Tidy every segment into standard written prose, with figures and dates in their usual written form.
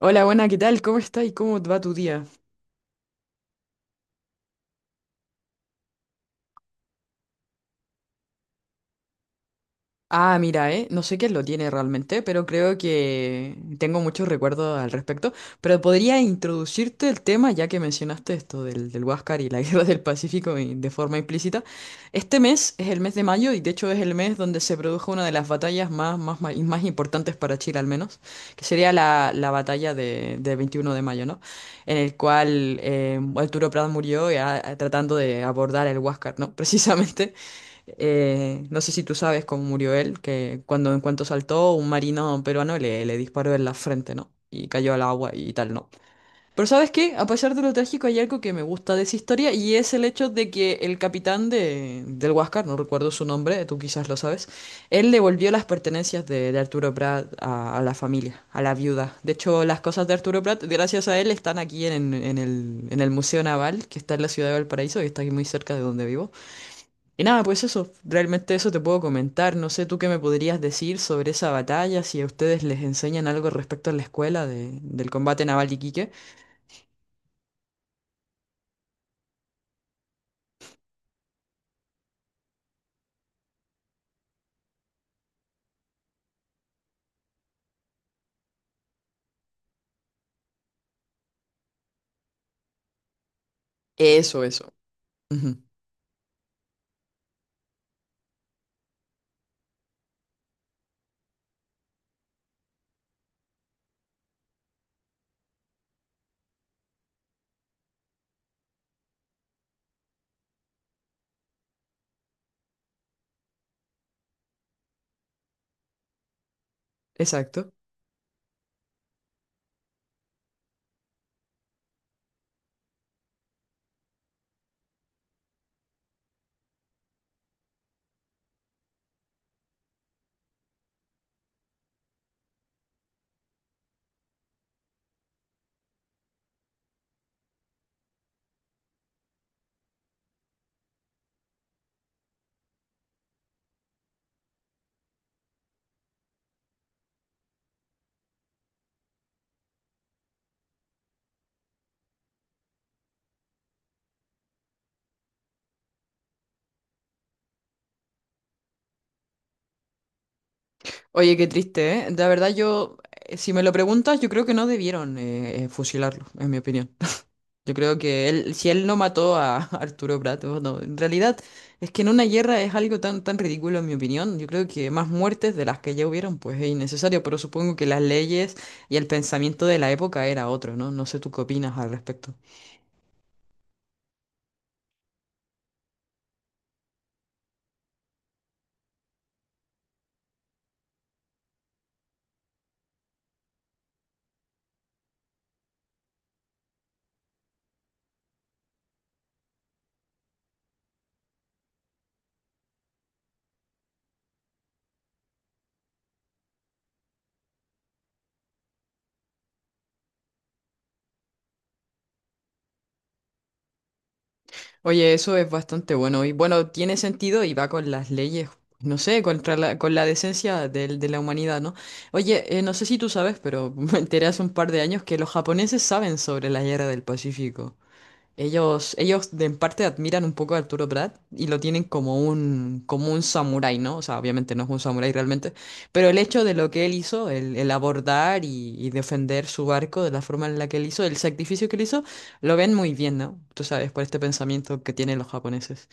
Hola, buena, ¿qué tal? ¿Cómo estás y cómo va tu día? Ah, mira, no sé qué lo tiene realmente, pero creo que tengo muchos recuerdos al respecto. Pero podría introducirte el tema, ya que mencionaste esto del Huáscar y la Guerra del Pacífico de forma implícita. Este mes es el mes de mayo y de hecho es el mes donde se produjo una de las batallas más y más importantes para Chile al menos, que sería la batalla de 21 de mayo, ¿no? En el cual Arturo Prat murió tratando de abordar el Huáscar, ¿no? Precisamente. No sé si tú sabes cómo murió él, que cuando en cuanto saltó, un marino peruano le disparó en la frente, ¿no? Y cayó al agua y tal, ¿no? Pero ¿sabes qué? A pesar de lo trágico, hay algo que me gusta de esa historia y es el hecho de que el capitán del Huáscar, no recuerdo su nombre, tú quizás lo sabes, él devolvió las pertenencias de Arturo Prat a la familia, a la viuda. De hecho, las cosas de Arturo Prat, gracias a él, están aquí en el Museo Naval, que está en la ciudad de Valparaíso, que está aquí muy cerca de donde vivo. Y nada, pues eso, realmente eso te puedo comentar. No sé tú qué me podrías decir sobre esa batalla, si a ustedes les enseñan algo respecto a la escuela del combate naval de Iquique. Eso, eso. Ujú. Exacto. Oye, qué triste, ¿eh? La verdad yo, si me lo preguntas, yo creo que no debieron fusilarlo, en mi opinión. Yo creo que él, si él no mató a Arturo Prat, oh, no, en realidad es que en una guerra es algo tan, tan ridículo en mi opinión. Yo creo que más muertes de las que ya hubieron, pues es innecesario, pero supongo que las leyes y el pensamiento de la época era otro, ¿no? No sé tú qué opinas al respecto. Oye, eso es bastante bueno y bueno, tiene sentido y va con las leyes, no sé, con la decencia la humanidad, ¿no? Oye, no sé si tú sabes, pero me enteré hace un par de años que los japoneses saben sobre la guerra del Pacífico. Ellos de en parte admiran un poco a Arturo Prat y lo tienen como un samurái, ¿no? O sea, obviamente no es un samurái realmente, pero el hecho de lo que él hizo, el abordar y defender su barco de la forma en la que él hizo, el sacrificio que él hizo, lo ven muy bien, ¿no? Tú sabes, por este pensamiento que tienen los japoneses.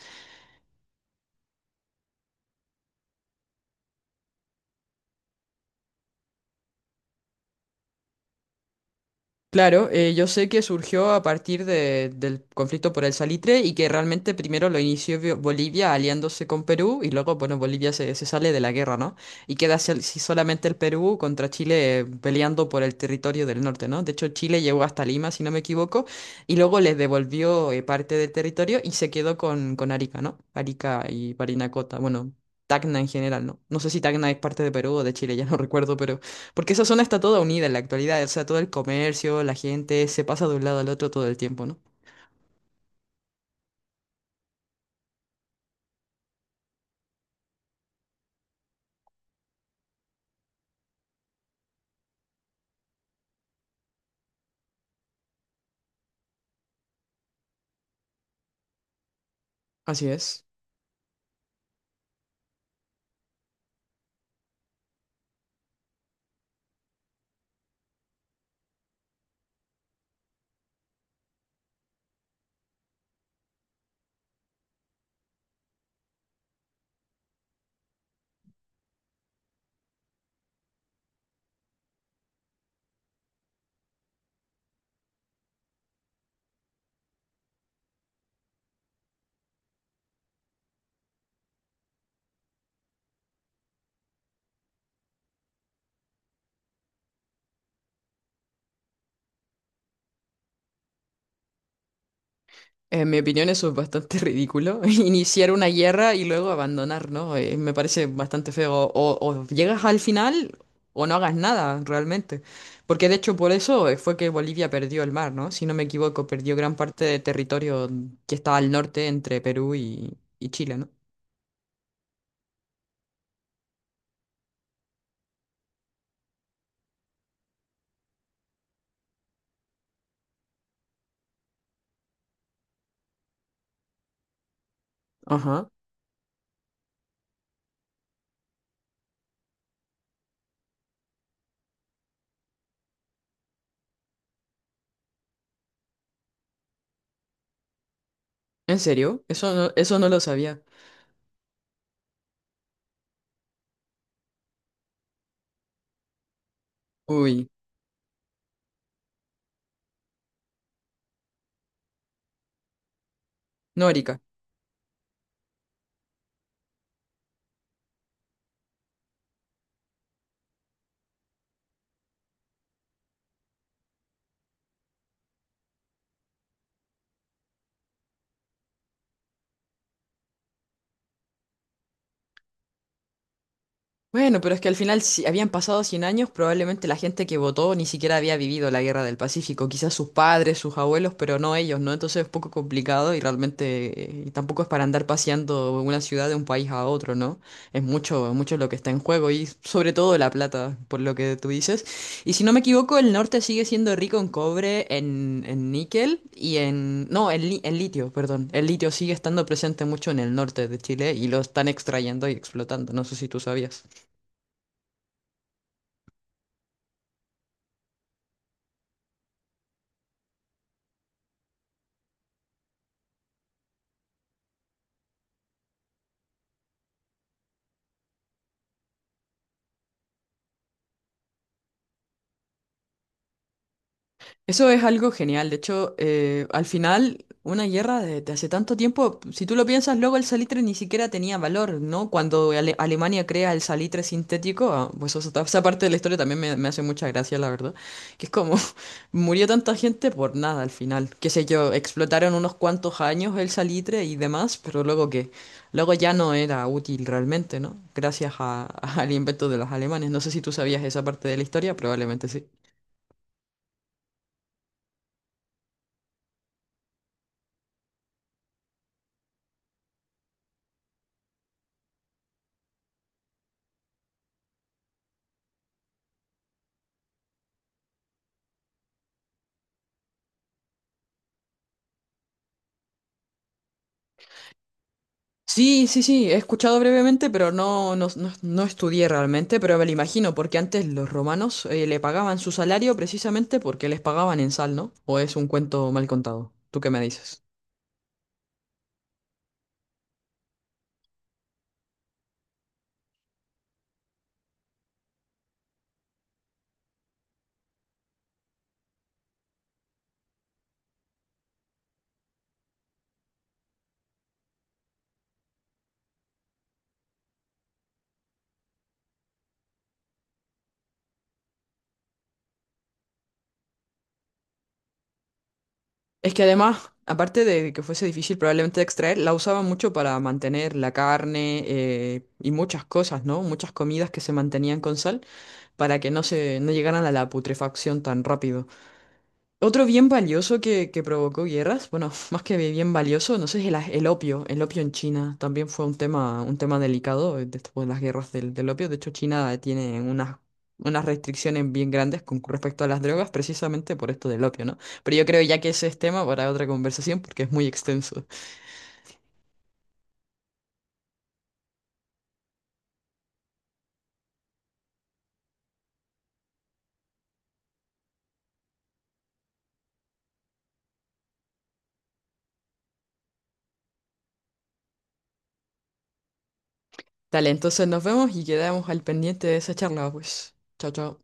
Claro, yo sé que surgió a partir del conflicto por el salitre y que realmente primero lo inició Bolivia aliándose con Perú y luego, bueno, Bolivia se sale de la guerra, ¿no? Y queda solamente el Perú contra Chile peleando por el territorio del norte, ¿no? De hecho, Chile llegó hasta Lima, si no me equivoco, y luego les devolvió parte del territorio y se quedó con Arica, ¿no? Arica y Parinacota, bueno, Tacna en general, ¿no? No sé si Tacna es parte de Perú o de Chile, ya no recuerdo, pero... Porque esa zona está toda unida en la actualidad, o sea, todo el comercio, la gente se pasa de un lado al otro todo el tiempo, ¿no? Así es. En mi opinión eso es bastante ridículo, iniciar una guerra y luego abandonar, ¿no? Me parece bastante feo. O llegas al final o no hagas nada realmente. Porque de hecho por eso fue que Bolivia perdió el mar, ¿no? Si no me equivoco, perdió gran parte de territorio que está al norte entre Perú y Chile, ¿no? Ajá. ¿En serio? Eso no lo sabía. Uy. No. Bueno, pero es que al final, si habían pasado 100 años, probablemente la gente que votó ni siquiera había vivido la Guerra del Pacífico. Quizás sus padres, sus abuelos, pero no ellos, ¿no? Entonces es un poco complicado y realmente tampoco es para andar paseando una ciudad de un país a otro, ¿no? Es mucho, mucho lo que está en juego y sobre todo la plata, por lo que tú dices. Y si no me equivoco, el norte sigue siendo rico en cobre, en níquel y en... No, en litio, perdón. El litio sigue estando presente mucho en el norte de Chile y lo están extrayendo y explotando. No sé si tú sabías. Eso es algo genial. De hecho, al final, una guerra de hace tanto tiempo, si tú lo piensas, luego el salitre ni siquiera tenía valor, ¿no? Cuando Alemania crea el salitre sintético, pues eso esa parte de la historia también me hace mucha gracia, la verdad. Que es como, murió tanta gente por nada al final. Qué sé yo, explotaron unos cuantos años el salitre y demás, pero luego ya no era útil realmente, ¿no? Gracias al invento de los alemanes. No sé si tú sabías esa parte de la historia, probablemente sí. Sí, sí, sí, he escuchado brevemente, pero no estudié realmente, pero me lo imagino, porque antes los romanos le pagaban su salario precisamente porque les pagaban en sal, ¿no? ¿O es un cuento mal contado? ¿Tú qué me dices? Es que además, aparte de que fuese difícil probablemente de extraer, la usaban mucho para mantener la carne y muchas cosas, ¿no? Muchas comidas que se mantenían con sal para que no se, no llegaran a la putrefacción tan rápido. Otro bien valioso que provocó guerras, bueno, más que bien valioso, no sé, es el opio. El opio en China también fue un tema delicado después de las guerras del opio. De hecho, China tiene unas restricciones bien grandes con respecto a las drogas, precisamente por esto del opio, ¿no? Pero yo creo ya que ese es tema para otra conversación porque es muy extenso. Dale, entonces nos vemos y quedamos al pendiente de esa charla, pues. Chao, chao.